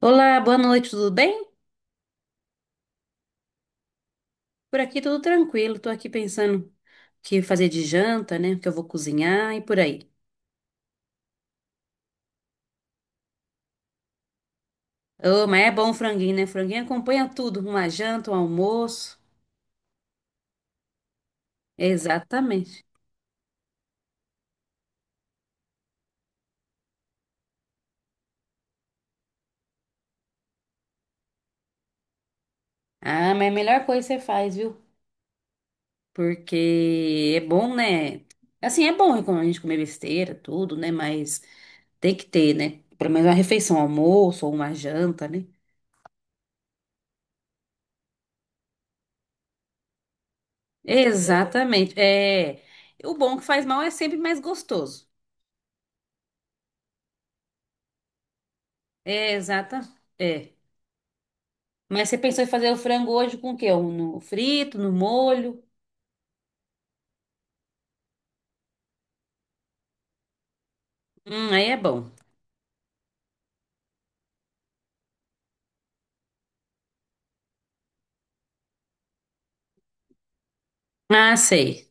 Olá, boa noite, tudo bem? Por aqui tudo tranquilo, tô aqui pensando o que fazer de janta, né? O que eu vou cozinhar e por aí. Oh, mas é bom o franguinho, né? Franguinho acompanha tudo, uma janta, um almoço. Exatamente. Ah, mas é a melhor coisa que você faz, viu? Porque é bom, né? Assim, é bom quando a gente comer besteira, tudo, né? Mas tem que ter, né? Pelo menos uma refeição, um almoço ou uma janta, né? Exatamente. É, o bom que faz mal é sempre mais gostoso. É, exata. É. Mas você pensou em fazer o frango hoje com o quê? Um No frito, no molho? Aí é bom. Ah, sei.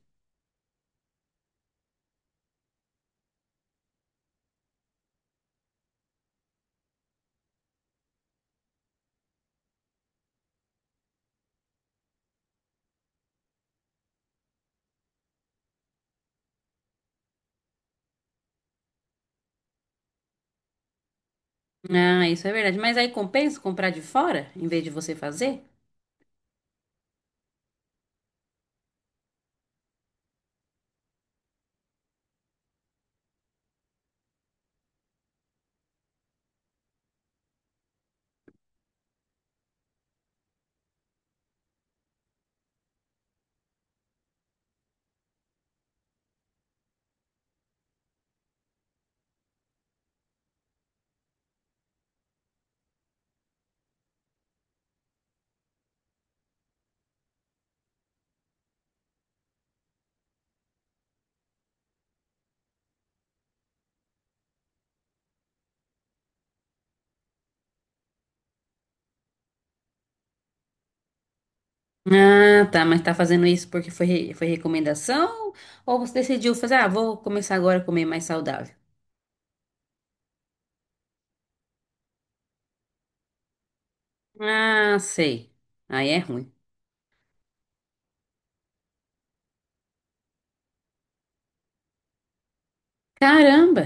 Ah, isso é verdade. Mas aí compensa comprar de fora, em vez de você fazer? Ah, tá. Mas tá fazendo isso porque foi, foi recomendação? Ou você decidiu fazer, ah, vou começar agora a comer mais saudável? Ah, sei. Aí é ruim. Caramba!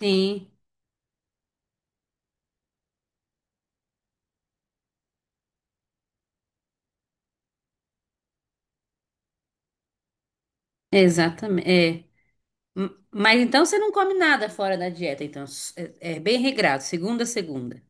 Sim, exatamente. É. M- Mas então você não come nada fora da dieta, então. S- É, é bem regrado, segunda a segunda.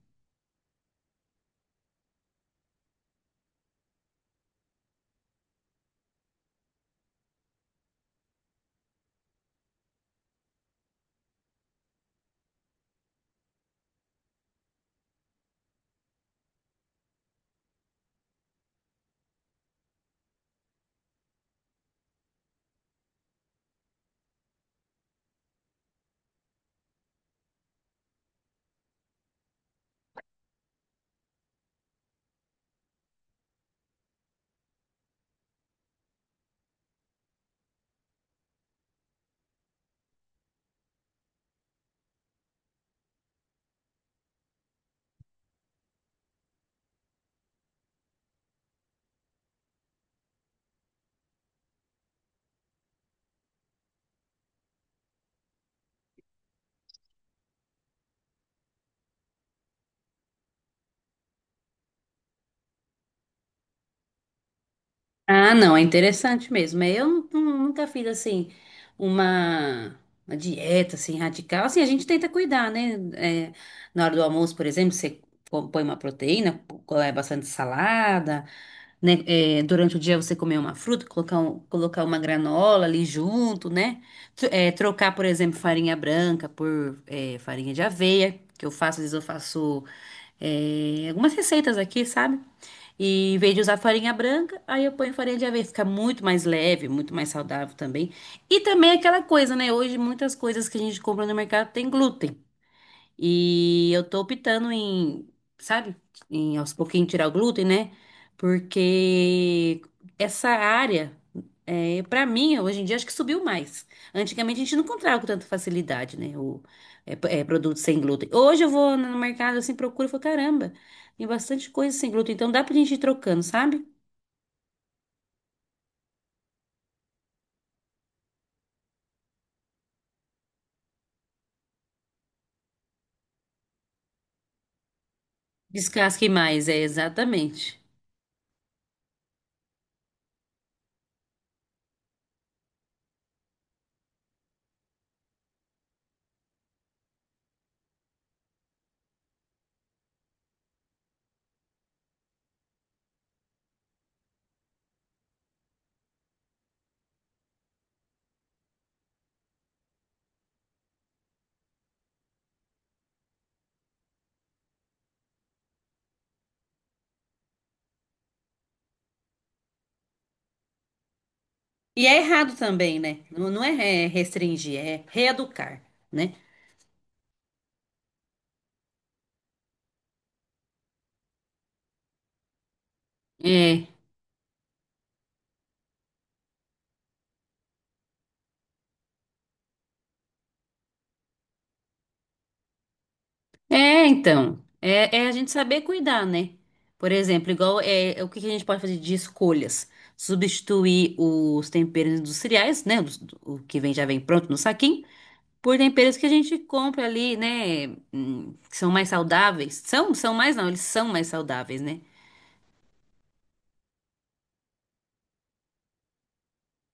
Ah, não, é interessante mesmo. É, eu nunca fiz assim uma, uma dieta assim radical. Assim, a gente tenta cuidar, né? É, na hora do almoço, por exemplo, você põe uma proteína, é bastante salada, né? É, durante o dia você comer uma fruta, colocar, colocar uma granola ali junto, né? É, trocar, por exemplo, farinha branca por, é, farinha de aveia, que eu faço, às vezes eu faço, é, algumas receitas aqui, sabe? E em vez de usar farinha branca, aí eu ponho farinha de aveia, fica muito mais leve, muito mais saudável também. E também é aquela coisa, né? Hoje muitas coisas que a gente compra no mercado tem glúten. E eu tô optando em, sabe, em aos pouquinhos tirar o glúten, né? Porque essa área, é, para mim, hoje em dia, acho que subiu mais. Antigamente a gente não encontrava com tanta facilidade, né? O, é, é, produto sem glúten. Hoje eu vou no mercado assim, procuro e falo, caramba, tem bastante coisa sem glúten, então dá pra gente ir trocando, sabe? Descasque mais, é, exatamente. E é errado também, né? Não, é, restringir, é reeducar, né? É, então, é, é, a gente saber cuidar, né? Por exemplo, igual é, é, o que que a gente pode fazer de escolhas? Substituir os temperos industriais, né? O que vem, já vem pronto no saquinho, por temperos que a gente compra ali, né? Hum, que são mais saudáveis. São, são mais, não, eles são mais saudáveis, né?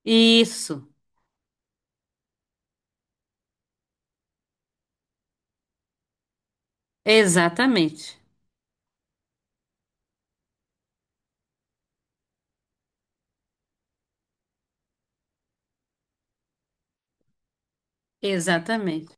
Isso, exatamente, exatamente.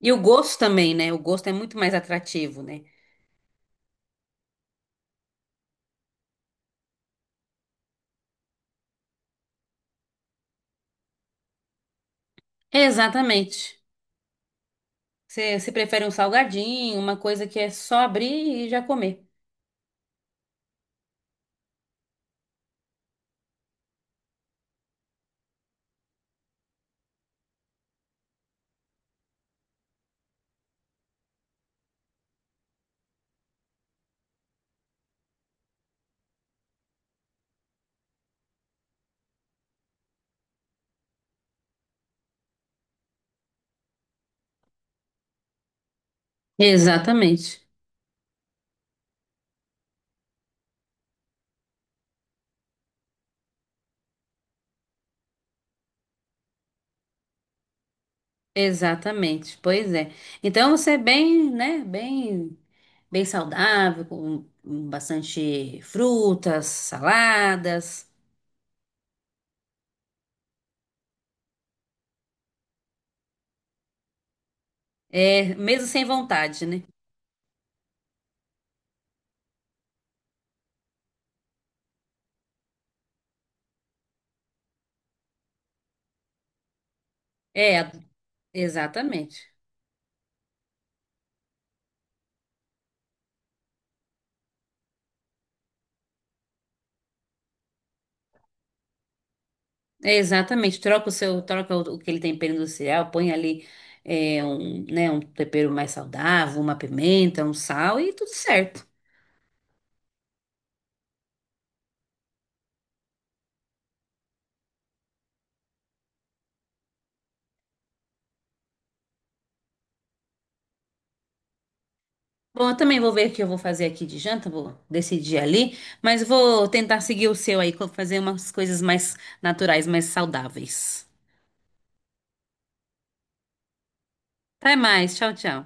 E o gosto também, né? O gosto é muito mais atrativo, né? Exatamente. Você, você prefere um salgadinho, uma coisa que é só abrir e já comer. Exatamente. Exatamente. Pois é. Então você é bem, né, bem, bem saudável, com bastante frutas, saladas, é, mesmo sem vontade, né? É, exatamente. É, exatamente. Troca o seu, troca o, aquele tempero industrial, põe ali, é, um, né, um tempero mais saudável, uma pimenta, um sal e tudo certo. Bom, eu também vou ver o que eu vou fazer aqui de janta, vou decidir ali, mas vou tentar seguir o seu aí, fazer umas coisas mais naturais, mais saudáveis. Até mais, tchau, tchau.